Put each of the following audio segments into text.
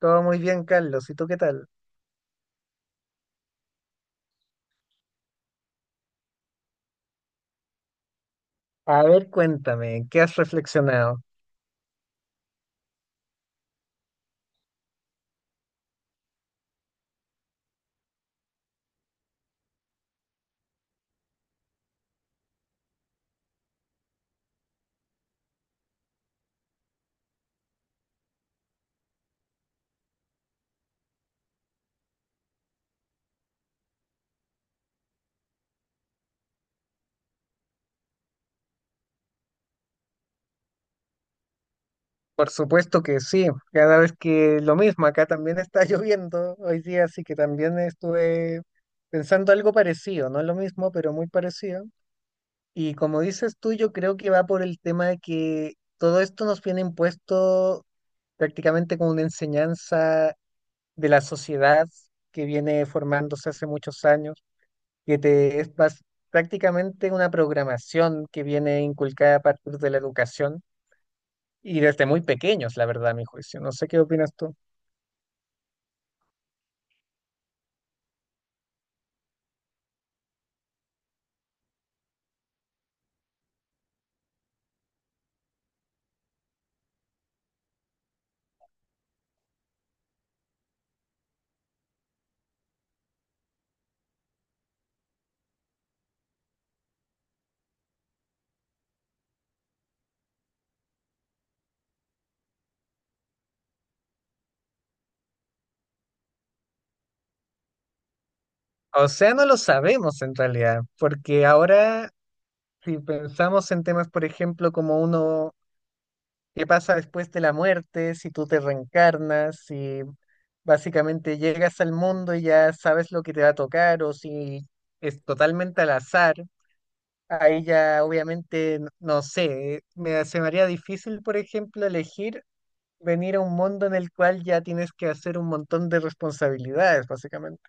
Todo muy bien, Carlos. ¿Y tú qué tal? A ver, cuéntame, ¿qué has reflexionado? Por supuesto que sí, cada vez que lo mismo, acá también está lloviendo hoy día, así que también estuve pensando algo parecido, no lo mismo, pero muy parecido. Y como dices tú, yo creo que va por el tema de que todo esto nos viene impuesto prácticamente como una enseñanza de la sociedad que viene formándose hace muchos años. Que te es pas- Prácticamente una programación que viene inculcada a partir de la educación y desde muy pequeños, la verdad, a mi juicio. No sé qué opinas tú. O sea, no lo sabemos en realidad, porque ahora si pensamos en temas, por ejemplo, como uno, qué pasa después de la muerte, si tú te reencarnas, si básicamente llegas al mundo y ya sabes lo que te va a tocar o si es totalmente al azar. Ahí ya obviamente, no sé, me, se me haría difícil, por ejemplo, elegir venir a un mundo en el cual ya tienes que hacer un montón de responsabilidades, básicamente.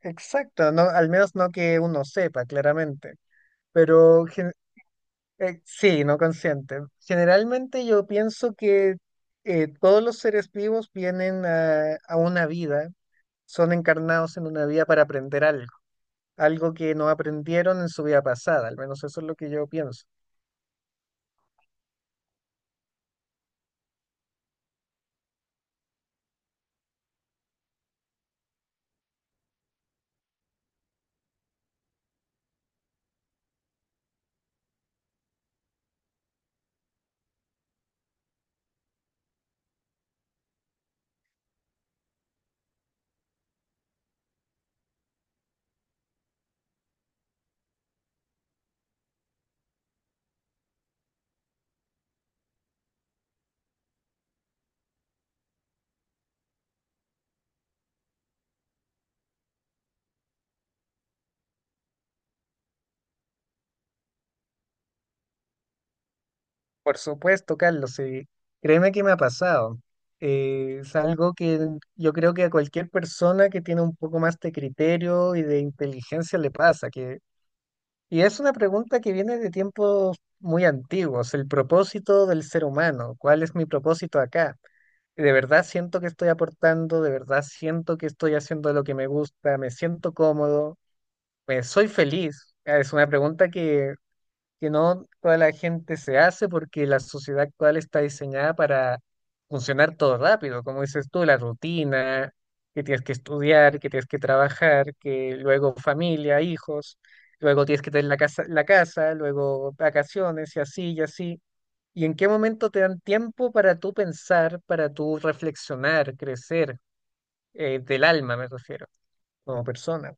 Exacto, no, al menos no que uno sepa, claramente. Pero sí, no consciente. Generalmente yo pienso que todos los seres vivos vienen a una vida, son encarnados en una vida para aprender algo, algo que no aprendieron en su vida pasada, al menos eso es lo que yo pienso. Por supuesto, Carlos, sí. Créeme que me ha pasado. Es algo que yo creo que a cualquier persona que tiene un poco más de criterio y de inteligencia le pasa, que, y es una pregunta que viene de tiempos muy antiguos, el propósito del ser humano, ¿cuál es mi propósito acá? De verdad siento que estoy aportando, de verdad siento que estoy haciendo lo que me gusta, me siento cómodo, soy feliz. Ah, es una pregunta que no toda la gente se hace porque la sociedad actual está diseñada para funcionar todo rápido, como dices tú, la rutina, que tienes que estudiar, que tienes que trabajar, que luego familia, hijos, luego tienes que tener la casa, luego vacaciones y así y así. ¿Y en qué momento te dan tiempo para tú pensar, para tú reflexionar, crecer, del alma me refiero, como persona?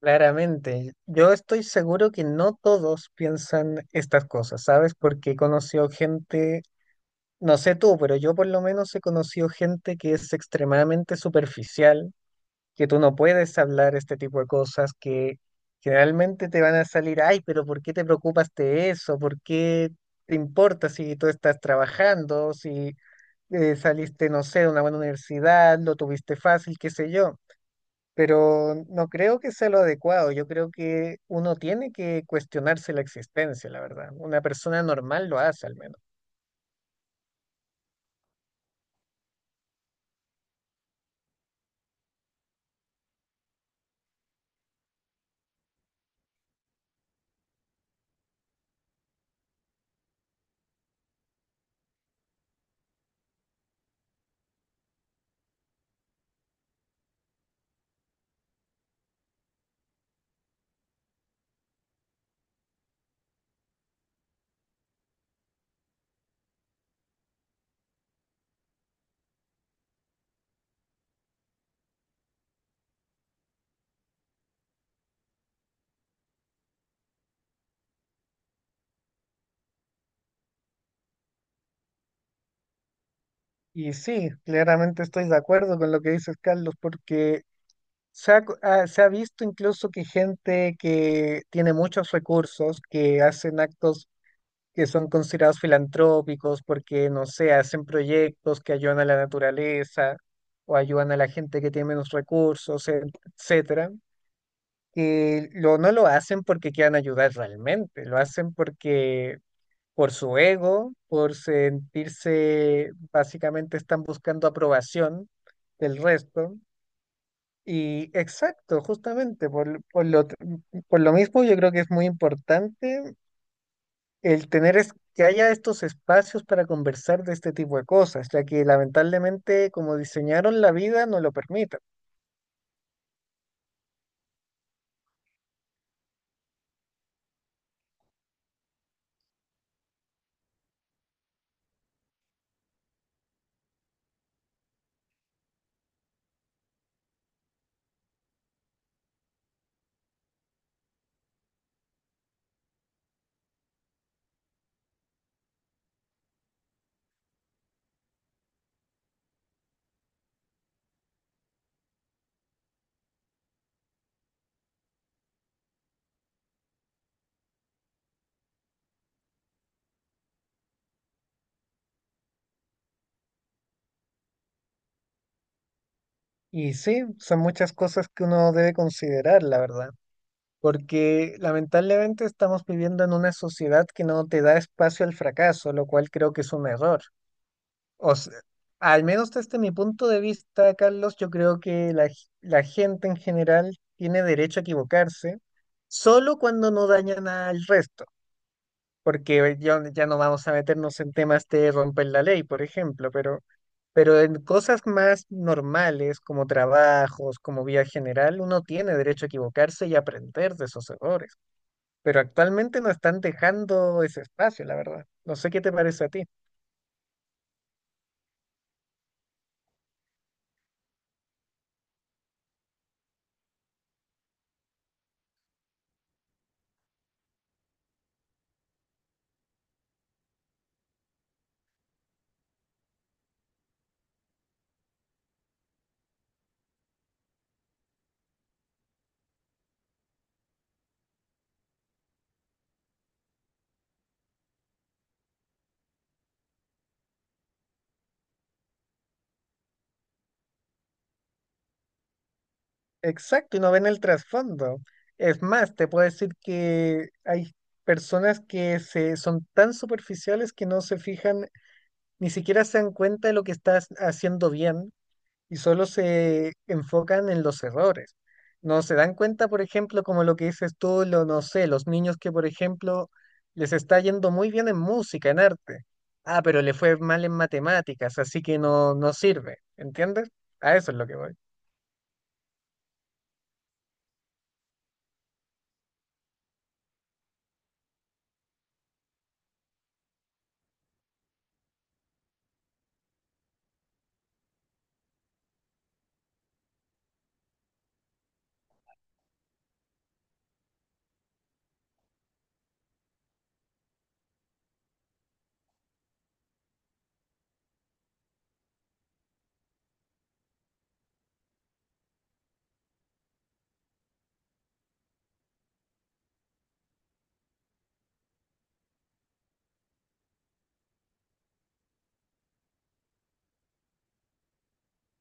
Claramente, yo estoy seguro que no todos piensan estas cosas, ¿sabes? Porque he conocido gente, no sé tú, pero yo por lo menos he conocido gente que es extremadamente superficial, que tú no puedes hablar este tipo de cosas, que generalmente te van a salir, ay, pero ¿por qué te preocupas de eso? ¿Por qué te importa si tú estás trabajando, si saliste, no sé, de una buena universidad, lo tuviste fácil, qué sé yo? Pero no creo que sea lo adecuado. Yo creo que uno tiene que cuestionarse la existencia, la verdad. Una persona normal lo hace al menos. Y sí, claramente estoy de acuerdo con lo que dices, Carlos, porque se ha visto incluso que gente que tiene muchos recursos, que hacen actos que son considerados filantrópicos, porque, no sé, hacen proyectos que ayudan a la naturaleza o ayudan a la gente que tiene menos recursos, etcétera, no lo hacen porque quieran ayudar realmente, lo hacen porque por su ego, por sentirse, básicamente están buscando aprobación del resto. Y exacto, justamente, por lo mismo yo creo que es muy importante el que haya estos espacios para conversar de este tipo de cosas, ya que lamentablemente como diseñaron la vida no lo permiten. Y sí, son muchas cosas que uno debe considerar, la verdad. Porque lamentablemente estamos viviendo en una sociedad que no te da espacio al fracaso, lo cual creo que es un error. O sea, al menos desde mi punto de vista, Carlos, yo creo que la gente en general tiene derecho a equivocarse, solo cuando no dañan al resto. Porque ya no vamos a meternos en temas de romper la ley, por ejemplo, pero en cosas más normales, como trabajos, como vía general, uno tiene derecho a equivocarse y aprender de esos errores, pero actualmente no están dejando ese espacio, la verdad. No sé qué te parece a ti. Exacto, y no ven el trasfondo. Es más, te puedo decir que hay personas son tan superficiales que no se fijan, ni siquiera se dan cuenta de lo que estás haciendo bien y solo se enfocan en los errores. No se dan cuenta, por ejemplo, como lo que dices tú, lo, no sé, los niños que, por ejemplo, les está yendo muy bien en música, en arte. Ah, pero le fue mal en matemáticas, así que no, no sirve, ¿entiendes? A eso es lo que voy.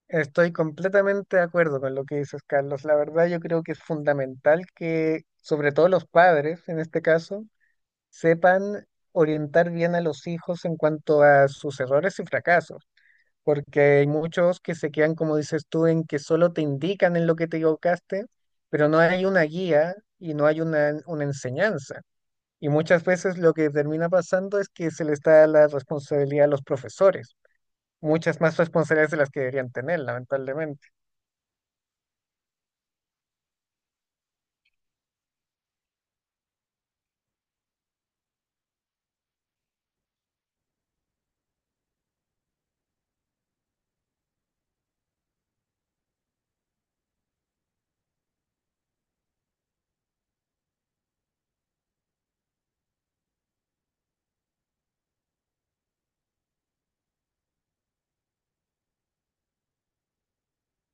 Estoy completamente de acuerdo con lo que dices, Carlos. La verdad, yo creo que es fundamental que, sobre todo los padres, en este caso, sepan orientar bien a los hijos en cuanto a sus errores y fracasos, porque hay muchos que se quedan, como dices tú, en que solo te indican en lo que te equivocaste, pero no hay una guía y no hay una enseñanza. Y muchas veces lo que termina pasando es que se les da la responsabilidad a los profesores, muchas más responsabilidades de las que deberían tener, lamentablemente,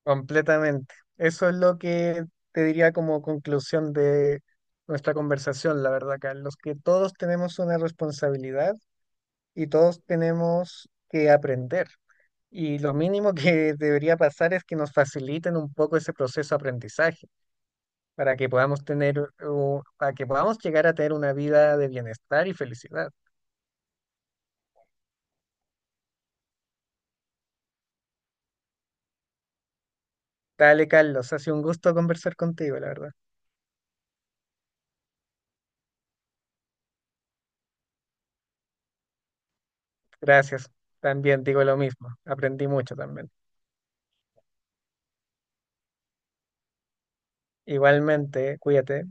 completamente. Eso es lo que te diría como conclusión de nuestra conversación, la verdad, Carlos, que todos tenemos una responsabilidad y todos tenemos que aprender. Y lo mínimo que debería pasar es que nos faciliten un poco ese proceso de aprendizaje para que podamos tener, o, para que podamos llegar a tener una vida de bienestar y felicidad. Dale, Carlos, ha sido un gusto conversar contigo, la verdad. Gracias. También digo lo mismo. Aprendí mucho también. Igualmente, cuídate.